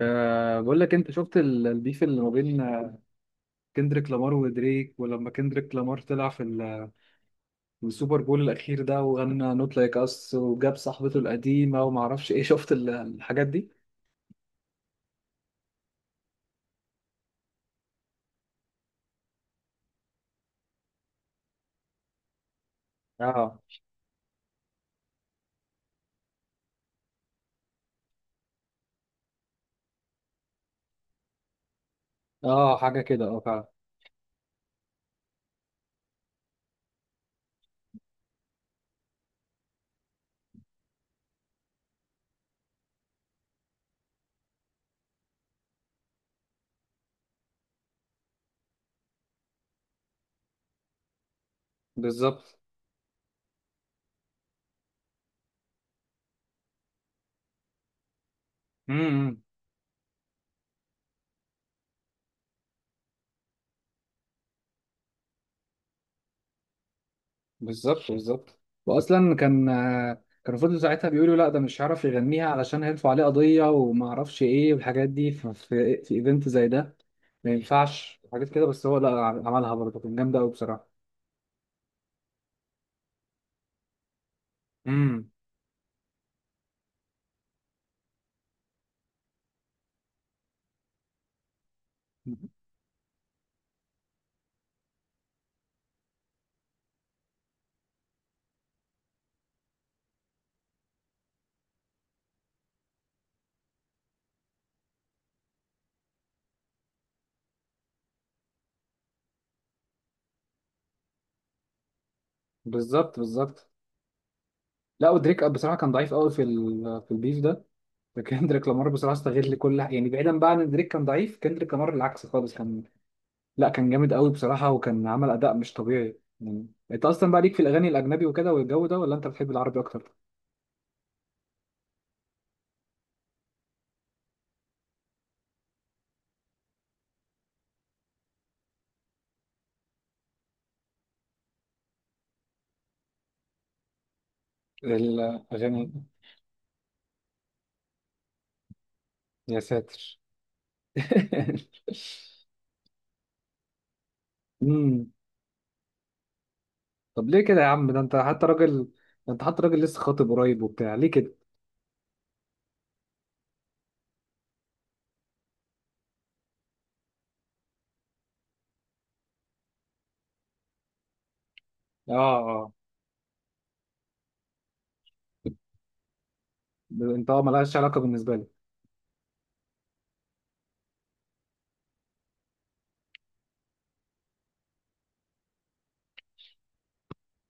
أه، بقول لك انت شفت البيف اللي ما بين كندريك لامار ودريك. ولما كندريك لامار طلع في السوبر بول الاخير ده وغنى نوت لايك اس وجاب صاحبته القديمه وما اعرفش ايه. شفت الحاجات دي. اه، اه، حاجه كده، اه فعلا. بالظبط. امم. بالظبط، بالظبط. واصلا كان، كانوا فضلوا ساعتها بيقولوا لا ده مش هيعرف يغنيها علشان هيرفعوا عليه قضيه وما اعرفش ايه والحاجات دي في ايفنت زي ده ما ينفعش حاجات كده. بس هو لا عملها برضه، كان جامده قوي. بصراحه. بالظبط، بالظبط. لا، ودريك بصراحه كان ضعيف قوي في في البيف ده. فكندريك لامار بصراحه استغل، كل يعني بعيدا بقى عن إن دريك كان ضعيف، كندريك لامار العكس خالص كان، لا كان جامد قوي بصراحه، وكان عمل اداء مش طبيعي. يعني انت اصلا بقى ليك في الاغاني الاجنبي وكده والجو ده، ولا انت بتحب العربي اكتر؟ الاغاني. يا ساتر. امم. طب ليه كده يا عم؟ ده انت حتى راجل، ده انت حتى راجل لسه خاطب قريب وبتاع، ليه كده؟ اه، اه. انت، اه ملهاش علاقه بالنسبه لي.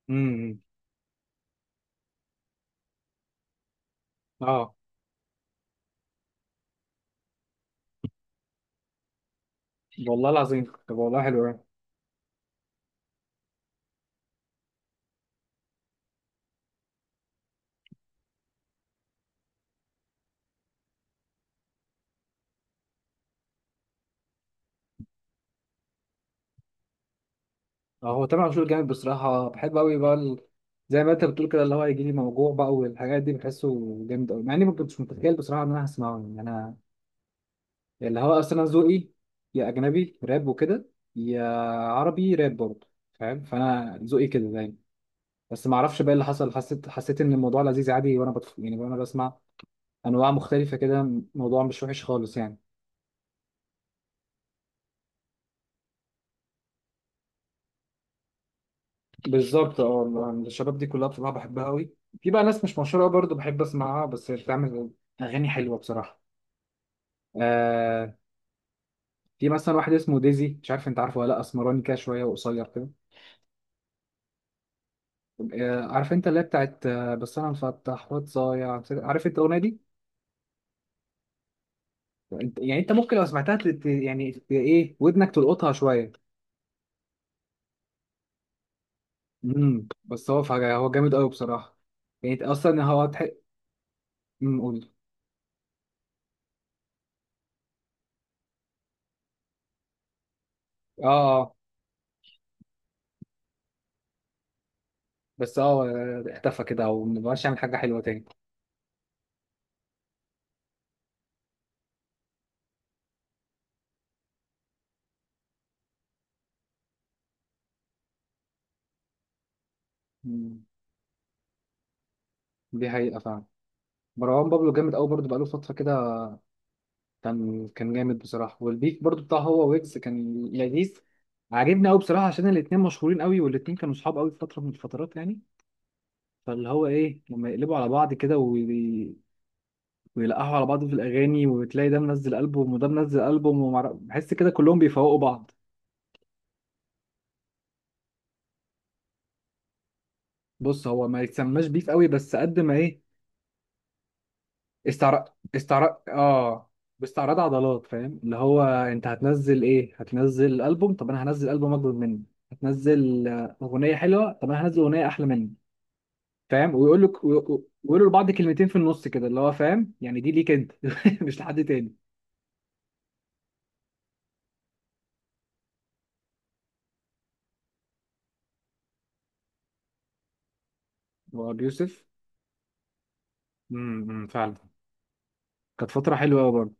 امم. اه. والله العظيم، طب والله حلو أوي. اه، هو تامر عاشور جامد بصراحة، بحب أوي بقى زي ما أنت بتقول كده، اللي هو يجي لي موجوع بقى والحاجات دي، بحسه جامد أوي. مع إني ما كنتش متخيل بصراحة إن أنا هسمعه. يعني أنا، اللي هو أصلا أنا ذوقي، يا أجنبي راب وكده، يا عربي راب برضه، فاهم. فأنا ذوقي كده دايما. بس ما أعرفش بقى اللي حصل، حسيت، حسيت إن الموضوع لذيذ عادي، وأنا يعني وأنا بسمع أنواع مختلفة كده، الموضوع مش وحش خالص يعني. بالظبط. اه، أنا الشباب دي كلها بصراحه بحبها قوي. في بقى ناس مش مشهوره برضه بحب اسمعها بس بتعمل اغاني حلوه بصراحه. آه. في مثلا واحد اسمه ديزي، مش عارف انت عارفه ولا لا، اسمراني كده شويه وقصير كده. آه، عارف انت اللي هي بتاعت، بس انا مفتح واتضايع، عارف انت الاغنيه دي؟ انت يعني انت ممكن لو سمعتها يعني ايه، ودنك تلقطها شويه. امم. بس هو فجأة هو جامد قوي بصراحه. يعني اصلا هو امم، قول. اه، اه. بس اه اختفى كده ومبقاش يعمل حاجه حلوه تاني. دي حقيقة فعلا. مروان بابلو جامد أوي برضه، بقاله فترة كده. كان جامد بصراحة. والبيف برضه بتاع هو ويجز كان لذيذ، عاجبني أوي بصراحة، عشان الاتنين مشهورين أوي، والاتنين كانوا صحاب أوي في فترة من الفترات يعني. فاللي هو إيه، لما يقلبوا على بعض كده ويلقحوا على بعض في الأغاني، وتلاقي ده منزل ألبوم وده منزل ألبوم، بحس كده كلهم بيفوقوا بعض. بص هو ما يتسماش بيف أوي، بس قد ما إيه، استعراض، استعراض. اه، باستعراض عضلات، فاهم. اللي هو انت هتنزل ايه، هتنزل البوم، طب انا هنزل البوم اكبر منه، هتنزل اغنيه حلوه، طب انا هنزل اغنيه احلى منه. فاهم. ويقول لك، ويقولوا لبعض كلمتين في النص كده، اللي هو فاهم، يعني دي ليك انت. مش لحد تاني. هو ابو يوسف. امم، أمم، فعلا. كانت فتره حلوه قوي برضه.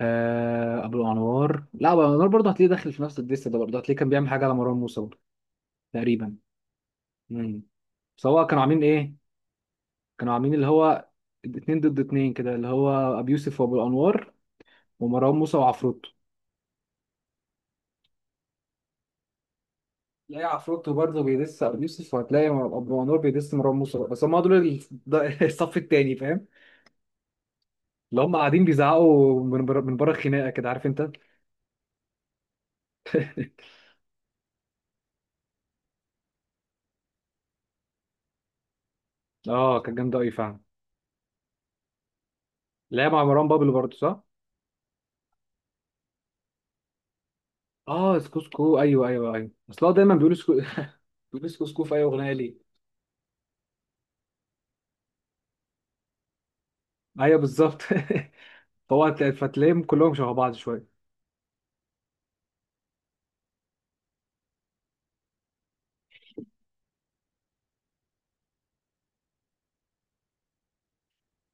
آه، ابو انوار، لا ابو انوار برضه هتلاقيه داخل في نفس الديس ده، برضه هتلاقيه كان بيعمل حاجه على مروان موسى برضه تقريبا. امم. سواء كانوا عاملين ايه، كانوا عاملين اللي هو اتنين ضد اتنين كده، اللي هو أبي يوسف وأبو الأنوار، ومروان موسى وعفروتو. تلاقي عفروتو برضه بيدس أبو يوسف، وهتلاقي أبو أنوار بيدس مروان موسى. بس هم دول الصف التاني، فاهم. اللي هم قاعدين بيزعقوا من بره، من بره الخناقة كده، عارف أنت. اه كانت جامدة أوي فعلا. اللي هي مع مروان بابلو برضه، صح؟ اه سكوسكو، ايوه ايوه ايوه، اصل هو دايما بيقول سكو. بيقول سكوسكو في اي اغنيه ليه. ايوه، بالظبط. فهو فتلاقيهم كلهم شبه بعض شويه.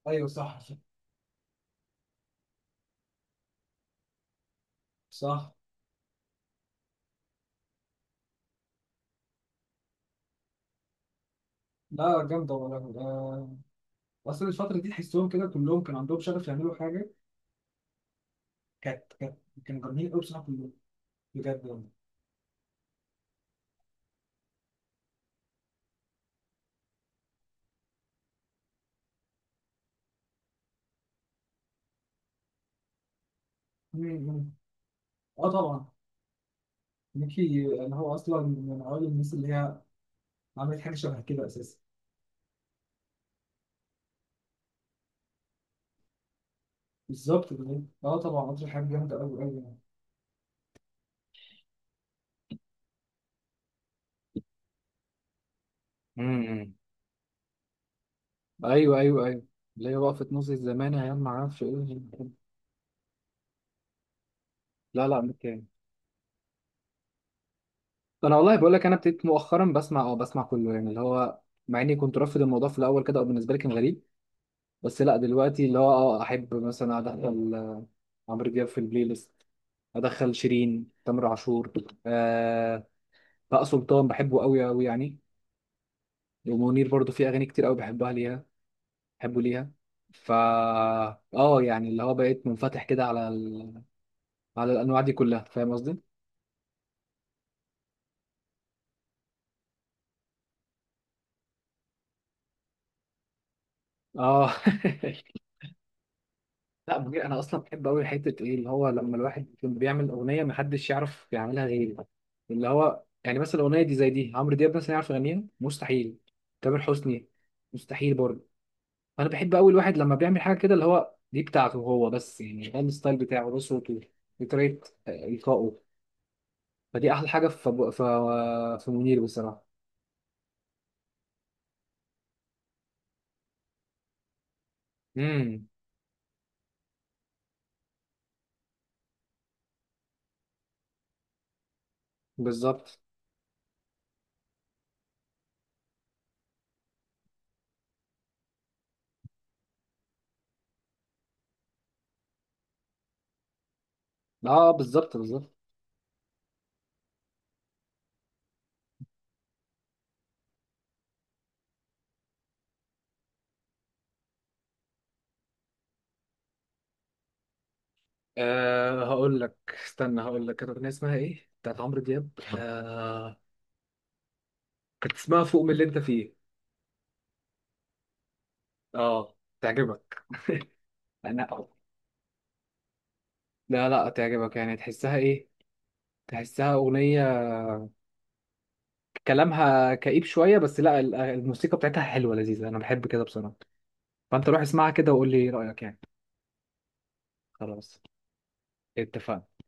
ايوه، صح صح. لا جامدة والله. أصل الفترة دي تحسهم كده كلهم كان عندهم شغف يعملوا حاجة. كانت كانت كانوا جامدين أوي بصراحة كلهم، بجد يعني. مم. أه طبعا. ميكي، أنا هو أصلا من أوائل الناس اللي هي عملت حاجة شبه كده أساسا. بالظبط كده، أه طبعا، قطر حاجة جامدة أوي أوي يعني. امم. ايوه ايوه ايوه، اللي هي وقفت نص الزمان، ايام ما اعرفش ايه. لا لا، مش كامل. انا والله بقول لك، انا ابتديت مؤخرا بسمع او بسمع كله يعني، اللي هو مع اني كنت رافض الموضوع في الاول كده، او بالنسبه لي كان غريب. بس لا دلوقتي اللي هو اه احب مثلا ادخل عمرو دياب في البلاي ليست. ادخل شيرين، تامر عاشور، آه. بقى سلطان بحبه قوي قوي يعني. ومنير برضو في اغاني كتير قوي بحبها ليها، بحبه ليها. فا، اه يعني اللي هو بقيت منفتح كده على على الانواع دي كلها، فاهم قصدي؟ اه. لا بجد، انا اصلا بحب قوي حته ايه، اللي هو لما الواحد يكون بيعمل اغنيه محدش يعرف يعملها غيري. اللي هو يعني مثلا الاغنيه دي، زي دي عمرو دياب مثلا يعرف يغنيها؟ مستحيل. تامر حسني، مستحيل برضه. فانا بحب قوي الواحد لما بيعمل حاجه كده، اللي هو دي بتاعته هو بس، يعني ده الستايل بتاعه، ده صوته، دي طريقه القائه. فدي احلى حاجه في في منير بصراحه. امم. بالظبط. اه، بالظبط، بالظبط. أه هقول لك، استنى هقول لك. كانت اغنيه اسمها ايه بتاعت عمرو دياب. أه، كانت اسمها فوق من اللي انت فيه. اه، تعجبك؟ انا، لا لا، تعجبك يعني؟ تحسها ايه؟ تحسها اغنيه كلامها كئيب شويه، بس لا الموسيقى بتاعتها حلوه لذيذه، انا بحب كده بصراحه. فانت روح اسمعها كده وقول لي رايك يعني. خلاص، اتفقنا.